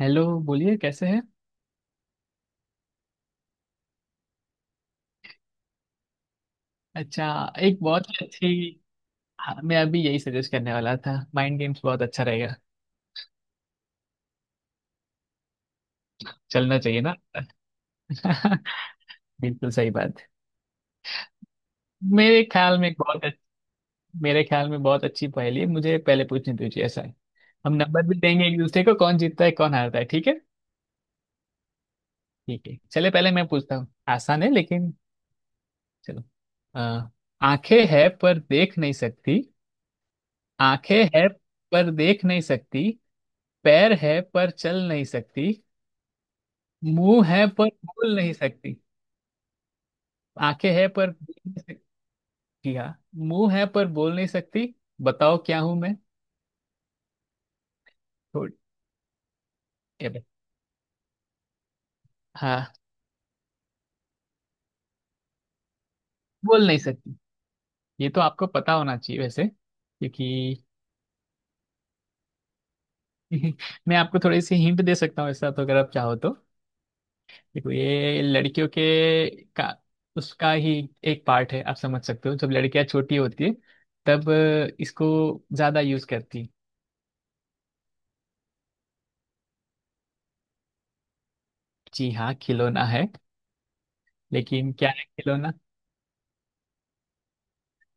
Hello. बोलिए, कैसे हैं। अच्छा। एक बहुत ही अच्छी हाँ, मैं अभी यही सजेस्ट करने वाला था, माइंड गेम्स बहुत अच्छा रहेगा। चलना चाहिए ना। बिल्कुल सही बात। मेरे ख्याल में एक बहुत अच्छ- मेरे ख्याल में बहुत अच्छी पहेली है, मुझे पहले पूछनी दीजिए, ऐसा है। हम नंबर भी देंगे एक दूसरे को, कौन जीतता है कौन हारता है, ठीक है। ठीक है चले, पहले मैं पूछता हूँ, आसान है लेकिन चलो। अ, आंखें है पर देख नहीं सकती। आंखें है पर देख नहीं सकती। पैर है पर चल नहीं सकती। मुंह है पर बोल नहीं सकती। आंखें है पर देख नहीं सकती। जी हाँ। मुंह है पर बोल नहीं सकती। बताओ क्या हूं मैं। छोड़। ये बस। हाँ, बोल नहीं सकती। ये तो आपको पता होना चाहिए वैसे, क्योंकि... मैं आपको थोड़ी सी हिंट दे सकता हूँ ऐसा, तो अगर आप चाहो तो। देखो, ये लड़कियों के का उसका ही एक पार्ट है। आप समझ सकते हो, जब लड़कियां छोटी होती है तब इसको ज्यादा यूज करती। जी हाँ, खिलौना है। लेकिन क्या है खिलौना।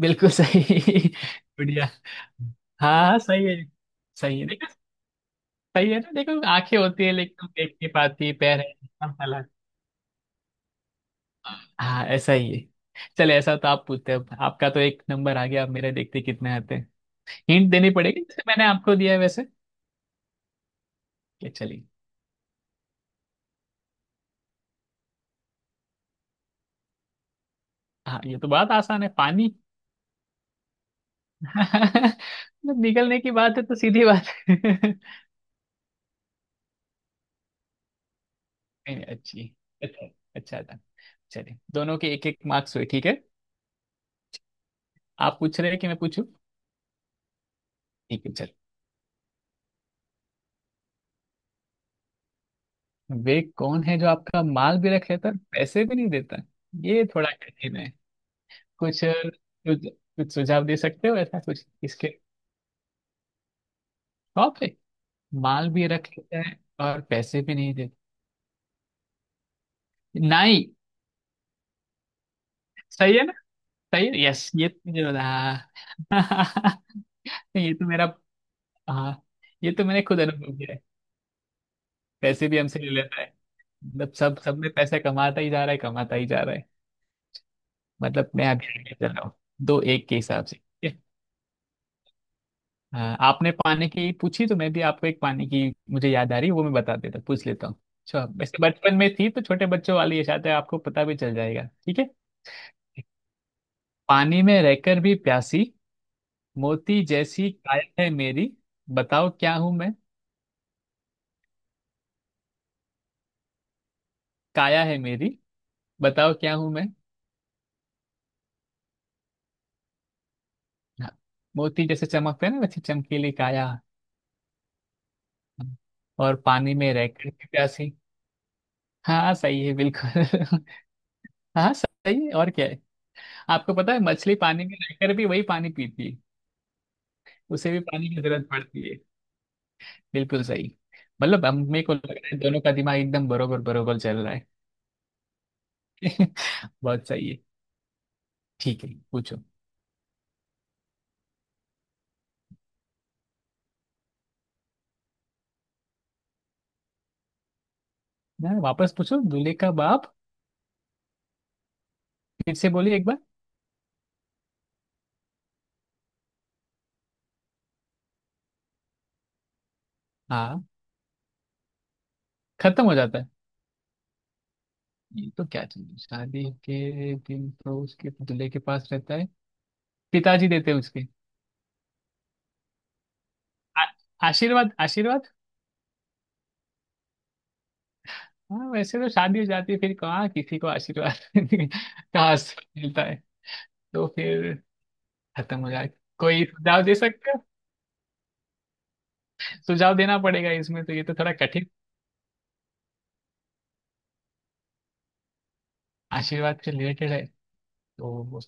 बिल्कुल सही। बढ़िया। हाँ हाँ, सही है। सही है देखो। सही है ना, देखो आंखें होती है लेकिन हम देख नहीं पाती, पैर है। हम चला। हाँ ऐसा ही है। चले, ऐसा तो आप पूछते हो, आपका तो एक नंबर आ गया, अब मेरे देखते कितने आते हैं। हिंट देनी पड़ेगी जैसे मैंने आपको दिया है वैसे। ये चलिए। हाँ, ये तो बात आसान है, पानी। मतलब निकलने की बात है तो सीधी बात है। नहीं, नहीं, अच्छी। अच्छा। अच्छा था। चलिए, दोनों के एक एक मार्क्स हुए, ठीक है। आप पूछ रहे हैं कि मैं पूछूं। ठीक है, चलिए। वे कौन है जो आपका माल भी रख लेता है, पैसे भी नहीं देता। ये थोड़ा कठिन है। कुछ कुछ कुछ सुझाव दे सकते हो, ऐसा कुछ इसके। टॉप है। माल भी रख लेता है और पैसे भी नहीं देता। नाई। सही है ना। सही है। यस, ये तो मुझे बता। हाँ। ये तो मेरा। हाँ। ये तो मैंने खुद अनुभव किया है। पैसे भी हमसे ले लेता है। मतलब सब सब में पैसा कमाता ही जा रहा है, कमाता ही जा रहा है। मतलब मैं अभी आगे चल रहा हूँ, 2-1 के हिसाब से। हाँ, आपने पानी की पूछी तो मैं भी आपको एक पानी की... मुझे याद आ रही, वो मैं बता देता, पूछ लेता हूँ अच्छा। वैसे बचपन में थी तो छोटे बच्चों वाली ये शायद है, आपको पता भी चल जाएगा, ठीक है। पानी में रहकर भी प्यासी, मोती जैसी काया है मेरी। बताओ क्या हूं मैं। काया है मेरी। बताओ क्या हूं मैं। हाँ, मोती जैसे चमकते हैं ना, वैसे चमकीली काया। हाँ, और पानी में रहकर भी प्यासी। हाँ सही है बिल्कुल। हाँ सही है, और क्या है। आपको पता है मछली पानी में रहकर भी वही पानी पीती है। उसे भी पानी की जरूरत पड़ती है। बिल्कुल सही। मतलब हम, मेरे को लग रहा है दोनों का दिमाग एकदम बरोबर बरोबर चल रहा है। बहुत सही है। ठीक है, पूछो। ना, वापस पूछो, दूल्हे का बाप। फिर से बोलिए एक बार। हाँ, खत्म हो जाता है। ये तो क्या चीज़ है? शादी के दिन तो उसके दूल्हे के पास रहता है। पिताजी देते हैं उसके। आ- आशीर्वाद, आशीर्वाद। हाँ, वैसे तो शादी हो जाती है, फिर कहाँ किसी को आशीर्वाद। कहाँ से मिलता है, तो फिर खत्म हो जाए। कोई सुझाव दे सकता है। सुझाव देना पड़ेगा इसमें तो, ये तो थोड़ा कठिन। आशीर्वाद से रिलेटेड है। तो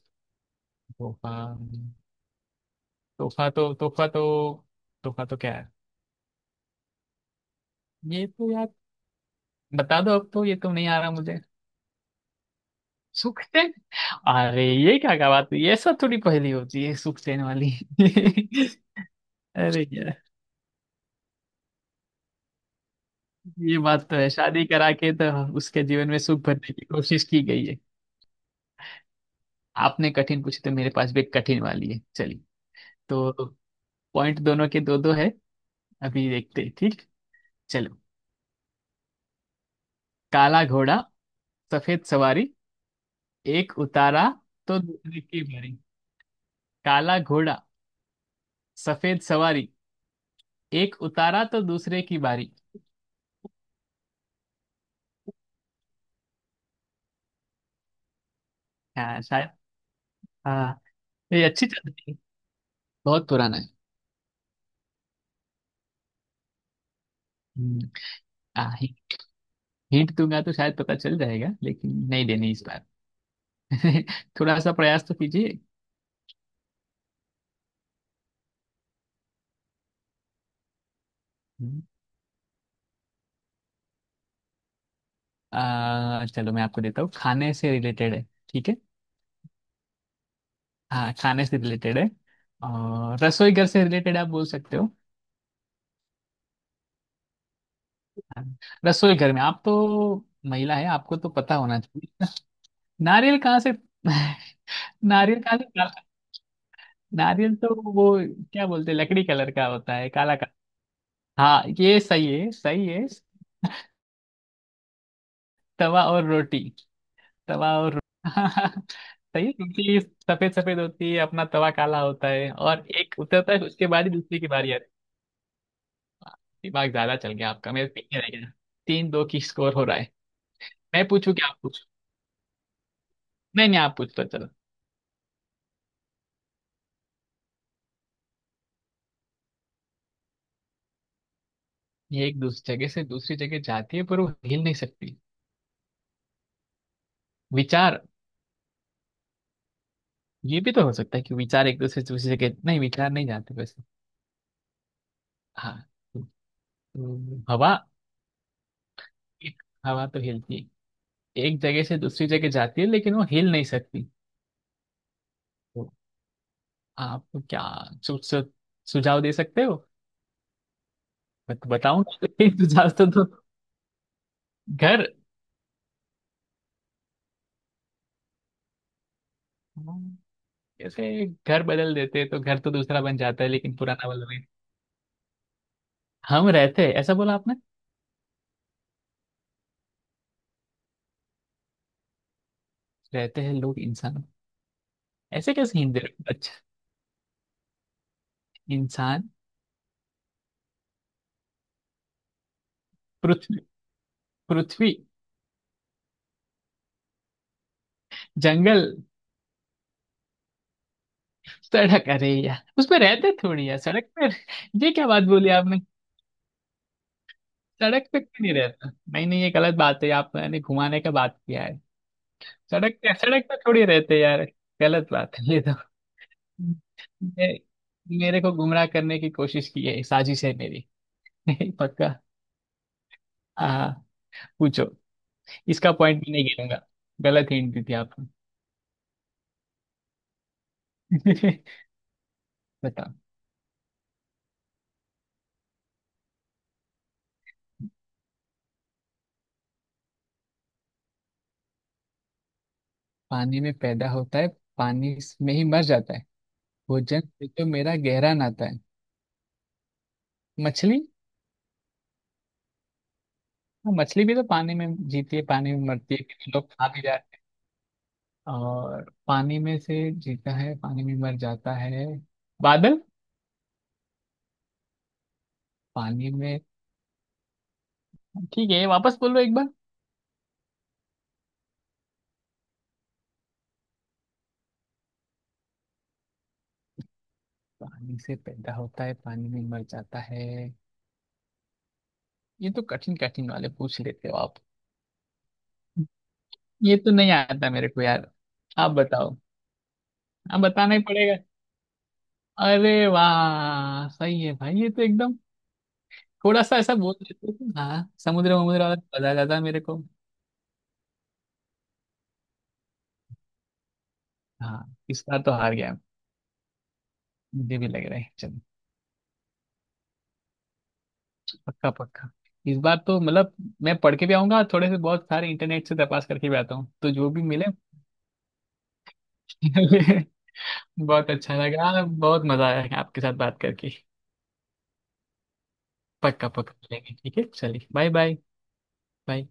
तोहफा तोहफा तो तोहफा तो तोहफा तो क्या है। ये तो यार, बता दो अब तो, ये तो नहीं आ रहा मुझे। सुख से। अरे, ये क्या क्या बात हुई, ये सब थोड़ी पहेली होती है, सुख देने वाली। अरे यार, ये बात तो है, शादी करा के तो उसके जीवन में सुख भरने की कोशिश की गई है। आपने कठिन पूछी तो मेरे पास भी एक कठिन वाली है, चलिए। तो पॉइंट दोनों के दो दो है, अभी देखते हैं ठीक। चलो। काला घोड़ा, सफेद सवारी, एक उतारा तो दूसरे की बारी। काला घोड़ा, सफेद सवारी, एक उतारा तो दूसरे की बारी। हाँ शायद। हाँ, ये अच्छी चल रही है। बहुत पुराना है। हम्म। हाँ हि- हिंट दूंगा तो शायद पता चल जाएगा, लेकिन नहीं देनी इस बार। थोड़ा सा प्रयास तो कीजिए। हम्म, चलो, मैं आपको देता हूँ, खाने से रिलेटेड है, ठीक है। हाँ, खाने से रिलेटेड है, और रसोई घर से रिलेटेड आप बोल सकते हो। रसोई घर में आप तो महिला है, आपको तो पता होना चाहिए। नारियल कहाँ से। नारियल कहाँ से काला। नारियल तो वो, क्या बोलते हैं, लकड़ी कलर का होता है, काला का। हाँ ये सही है, सही है। तवा और रोटी। तवा और सही है, क्योंकि सफेद सफेद होती है अपना, तवा काला होता है, और एक उतरता है उसके बाद ही दूसरी की बारी आती है। दिमाग ज्यादा चल गया आपका, मेरे पीछे रह गया। 3-2 की स्कोर हो रहा है। मैं पूछू क्या? आप पूछो। नहीं नहीं, आप पूछ तो। ये एक दूसरी जगह से दूसरी जगह जाती है, पर वो हिल नहीं सकती। विचार। ये भी तो हो सकता है कि विचार एक दूसरे से दूसरी जगह... नहीं, विचार नहीं जाते वैसे। हाँ। हवा। हवा तो हिलती है, एक जगह से दूसरी जगह जाती है, लेकिन वो हिल नहीं सकती। तो आप क्या सु, सु, सुझाव दे सकते हो। बताऊं? सुझाव तो घर। हम्म, जैसे घर बदल देते हैं तो घर तो दूसरा बन जाता है, लेकिन पुराना वाला नहीं। हम रहते हैं ऐसा बोला आपने। रहते हैं लोग, इंसान। ऐसे कैसे, हिंदी। अच्छा, इंसान। पृथ्वी। पृथ्वी। जंगल। सड़क? अरे यार, उसमें रहते थोड़ी यार, सड़क पर? ये क्या बात बोली आपने। सड़क पे क्यों? नहीं, रहता नहीं नहीं, ये गलत बात है, आपने घुमाने का बात किया है। सड़क पे, सड़क पे थोड़ी रहते यार, गलत बात है ये तो। मेरे, मेरे को गुमराह करने की कोशिश की है, साजिश है मेरी। पक्का। आ, पूछो। इसका पॉइंट मैं नहीं गिनूंगा, गलत हिंट दी थी आपने। बताओ। पानी में पैदा होता है, पानी में ही मर जाता है, भोजन से तो मेरा गहरा नाता है। मछली। हाँ, मछली भी तो पानी में जीती है, पानी में मरती है, क्योंकि लोग खा भी जाए। और पानी में से जीता है, पानी में मर जाता है। बादल। पानी में। ठीक है, वापस बोलो एक बार। पानी से पैदा होता है, पानी में मर जाता है। ये तो कठिन कठिन वाले पूछ लेते हो आप। ये तो नहीं आता मेरे को यार। आप बताओ। आप बताना ही पड़ेगा। अरे वाह, सही है भाई, ये तो एकदम। थोड़ा सा ऐसा बोल देते थे, हाँ, समुद्र वमुद्र वाला, मजा आ जाता मेरे को। हाँ, इस बार तो हार गया। मुझे भी लग रहा है, चल। पक्का पक्का। इस बार तो मतलब मैं पढ़ के भी आऊंगा थोड़े से, बहुत सारे इंटरनेट से तपास करके भी आता हूँ तो जो भी मिले। बहुत अच्छा लगा, बहुत मजा आया आपके साथ बात करके। पक्का पक्का मिलेंगे, ठीक है, चलिए, बाय बाय। बाय।